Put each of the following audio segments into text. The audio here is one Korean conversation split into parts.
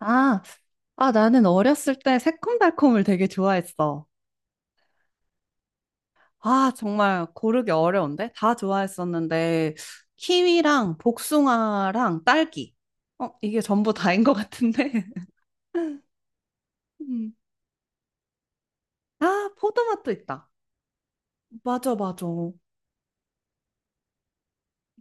아, 나는 어렸을 때 새콤달콤을 되게 좋아했어. 아, 정말 고르기 어려운데? 다 좋아했었는데, 키위랑 복숭아랑 딸기. 어, 이게 전부 다인 것 같은데. 음. 아, 포도맛도 있다. 맞아, 맞아.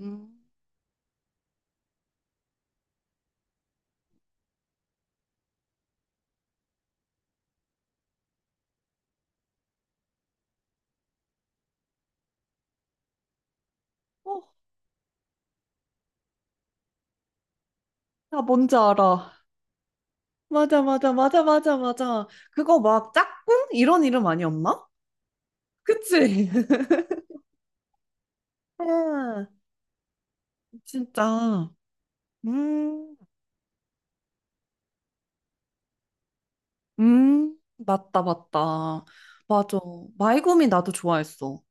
음. 어, 나 뭔지 알아. 맞아, 맞아, 맞아, 맞아, 맞아. 그거 막 짝꿍? 이런 이름 아니었나? 그치? 아, 진짜. 음. 맞다, 맞다. 맞아. 마이구미 나도 좋아했어.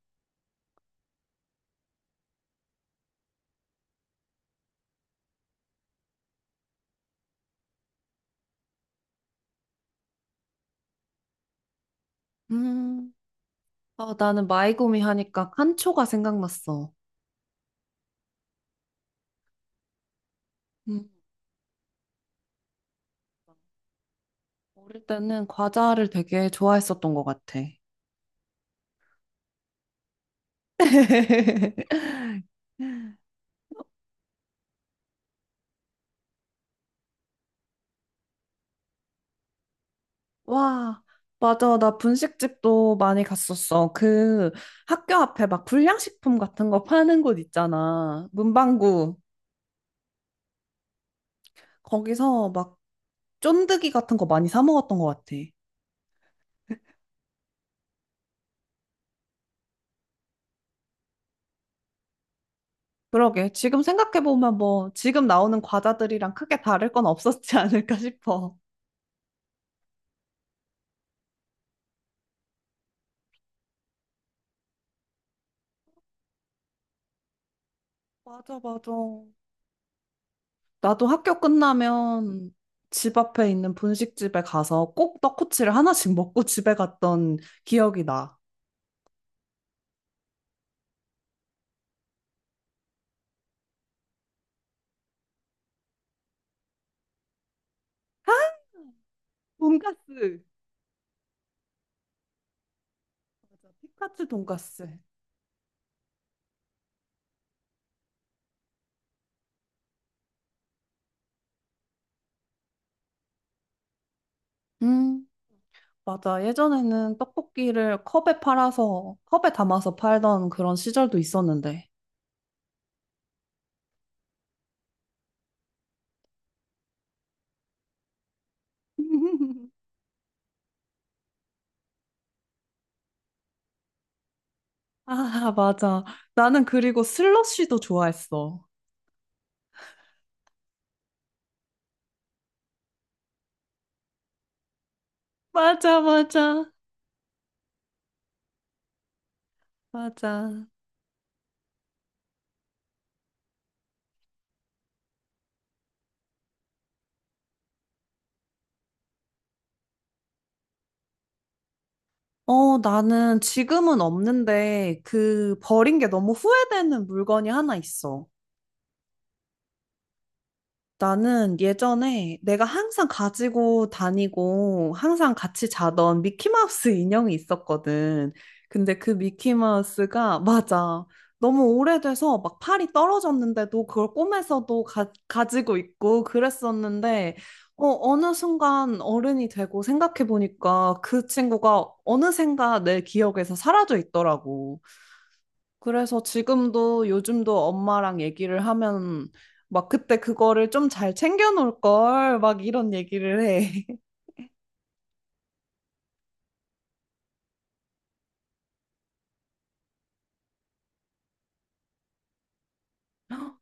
음, 나는 마이구미 하니까 칸초가 생각났어. 음, 어릴 때는 과자를 되게 좋아했었던 것 같아. 와, 맞아. 나 분식집도 많이 갔었어. 그 학교 앞에 막 불량식품 같은 거 파는 곳 있잖아. 문방구. 거기서 막 쫀득이 같은 거 많이 사 먹었던 것 같아. 그러게. 지금 생각해보면 뭐, 지금 나오는 과자들이랑 크게 다를 건 없었지 않을까 싶어. 맞아, 맞아. 나도 학교 끝나면 집 앞에 있는 분식집에 가서 꼭 떡꼬치를 하나씩 먹고 집에 갔던 기억이 나. 돈가스. 맞아, 피카츄 돈가스. 음, 맞아. 예전에는 떡볶이를 컵에 팔아서, 컵에 담아서 팔던 그런 시절도 있었는데. 아, 맞아. 나는 그리고 슬러시도 좋아했어. 맞아, 맞아, 맞아. 어, 나는 지금은 없는데 그 버린 게 너무 후회되는 물건이 하나 있어. 나는 예전에 내가 항상 가지고 다니고 항상 같이 자던 미키마우스 인형이 있었거든. 근데 그 미키마우스가, 맞아. 너무 오래돼서 막 팔이 떨어졌는데도 그걸 꿈에서도 가지고 있고 그랬었는데, 어, 어느 순간 어른이 되고 생각해보니까 그 친구가 어느샌가 내 기억에서 사라져 있더라고. 그래서 지금도 요즘도 엄마랑 얘기를 하면 막 그때 그거를 좀 잘 챙겨 놓을 걸 막 이런 얘기를 해.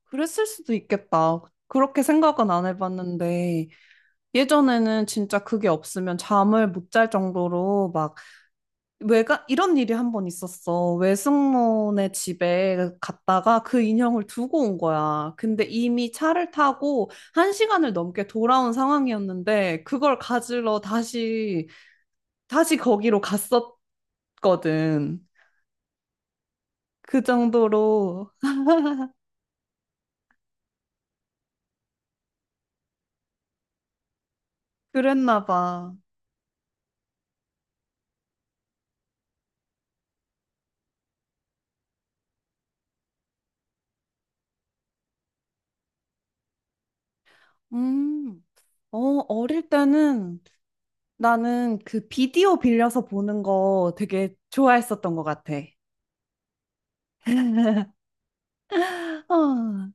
그랬을 수도 있겠다. 그렇게 생각은 안 해봤는데 예전에는 진짜 그게 없으면 잠을 못 잘 정도로 막 외가 이런 일이 한 번 있었어. 외숙모네 집에 갔다가 그 인형을 두고 온 거야. 근데 이미 차를 타고 한 시간을 넘게 돌아온 상황이었는데 그걸 가지러 다시 거기로 갔었거든. 그 정도로 그랬나 봐. 음, 어, 어릴 때는 나는 그 비디오 빌려서 보는 거 되게 좋아했었던 것 같아. 어,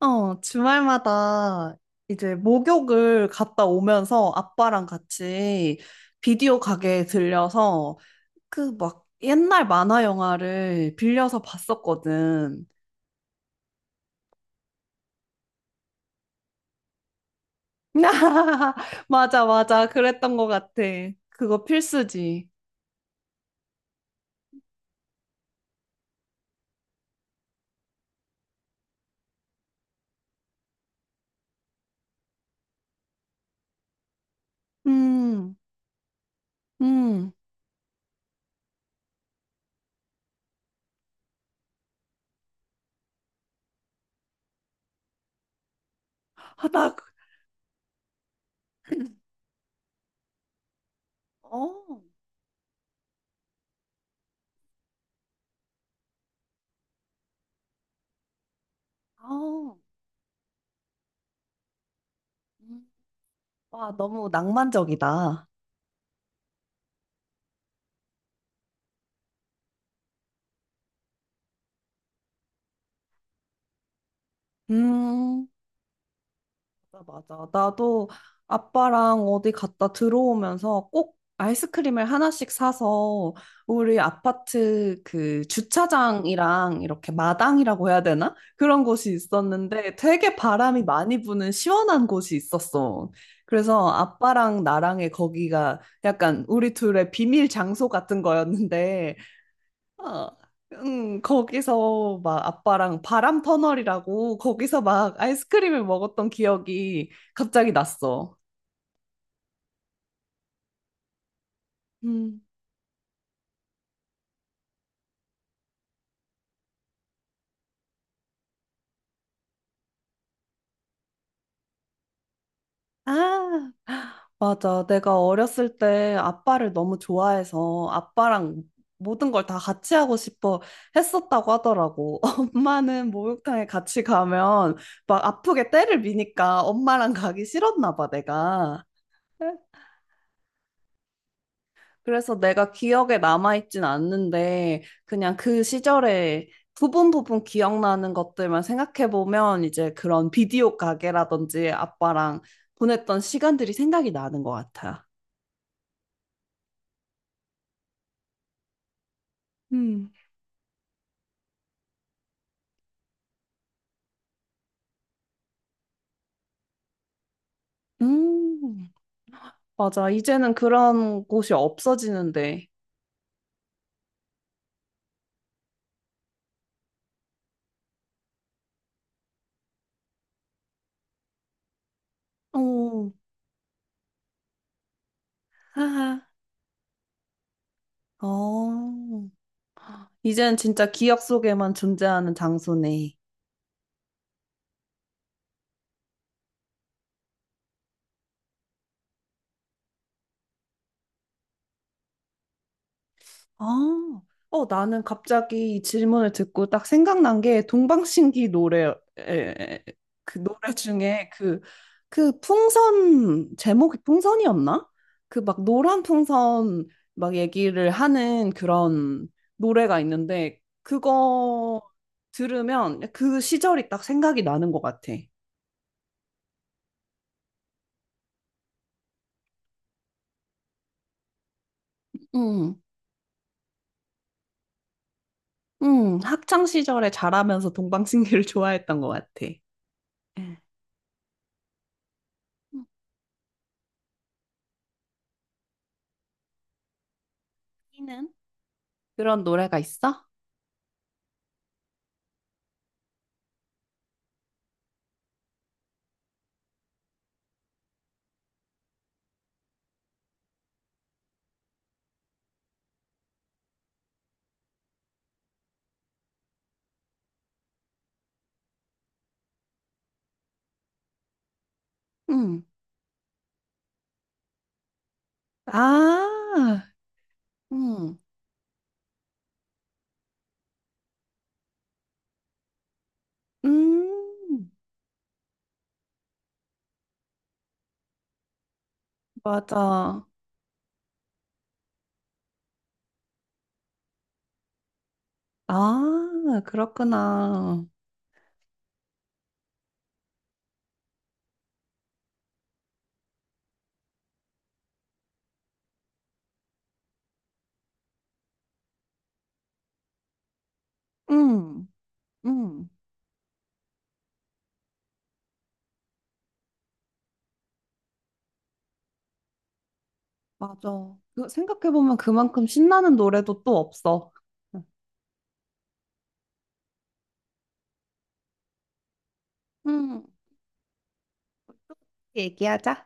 주말마다 이제 목욕을 갔다 오면서 아빠랑 같이 비디오 가게에 들려서 그 막 옛날 만화 영화를 빌려서 봤었거든. 맞아, 맞아. 그랬던 것 같아. 그거 필수지. 음, 음. 아, 나, 어, 어. 음. 와, 너무 낭만적이다. 음. 맞아, 맞아. 나도 아빠랑 어디 갔다 들어오면서 꼭 아이스크림을 하나씩 사서 우리 아파트 그 주차장이랑 이렇게 마당이라고 해야 되나? 그런 곳이 있었는데 되게 바람이 많이 부는 시원한 곳이 있었어. 그래서 아빠랑 나랑의 거기가 약간 우리 둘의 비밀 장소 같은 거였는데 어, 거기서 막 아빠랑 바람 터널이라고 거기서 막 아이스크림을 먹었던 기억이 갑자기 났어. 음. 아, 맞아. 내가 어렸을 때 아빠를 너무 좋아해서 아빠랑 모든 걸 다 같이 하고 싶어 했었다고 하더라고. 엄마는 목욕탕에 같이 가면 막 아프게 때를 미니까 엄마랑 가기 싫었나 봐, 내가. 그래서 내가 기억에 남아있진 않는데, 그냥 그 시절에 부분 부분 기억나는 것들만 생각해보면, 이제 그런 비디오 가게라든지 아빠랑 보냈던 시간들이 생각이 나는 것 같아. 음. 음, 맞아. 이제는 그런 곳이 없어지는데. 어, 하하. 어, 이제는 진짜 기억 속에만 존재하는 장소네. 아, 나는 갑자기 이 질문을 듣고 딱 생각난 게 동방신기 노래, 그 노래 중에 그 풍선, 제목이 풍선이었나? 그 막 노란 풍선 막 얘기를 하는 그런 노래가 있는데, 그거 들으면 그 시절이 딱 생각이 나는 것 같아. 응, 응, 학창 시절에 자라면서 동방신기를 좋아했던 것 같아. 음. 그런 노래가 있어? 응, 아, 응, 음, 맞아. 아, 그렇구나. 응, 응, 맞아. 생각해보면 그만큼 신나는 노래도 또 없어. 응, 얘기하자.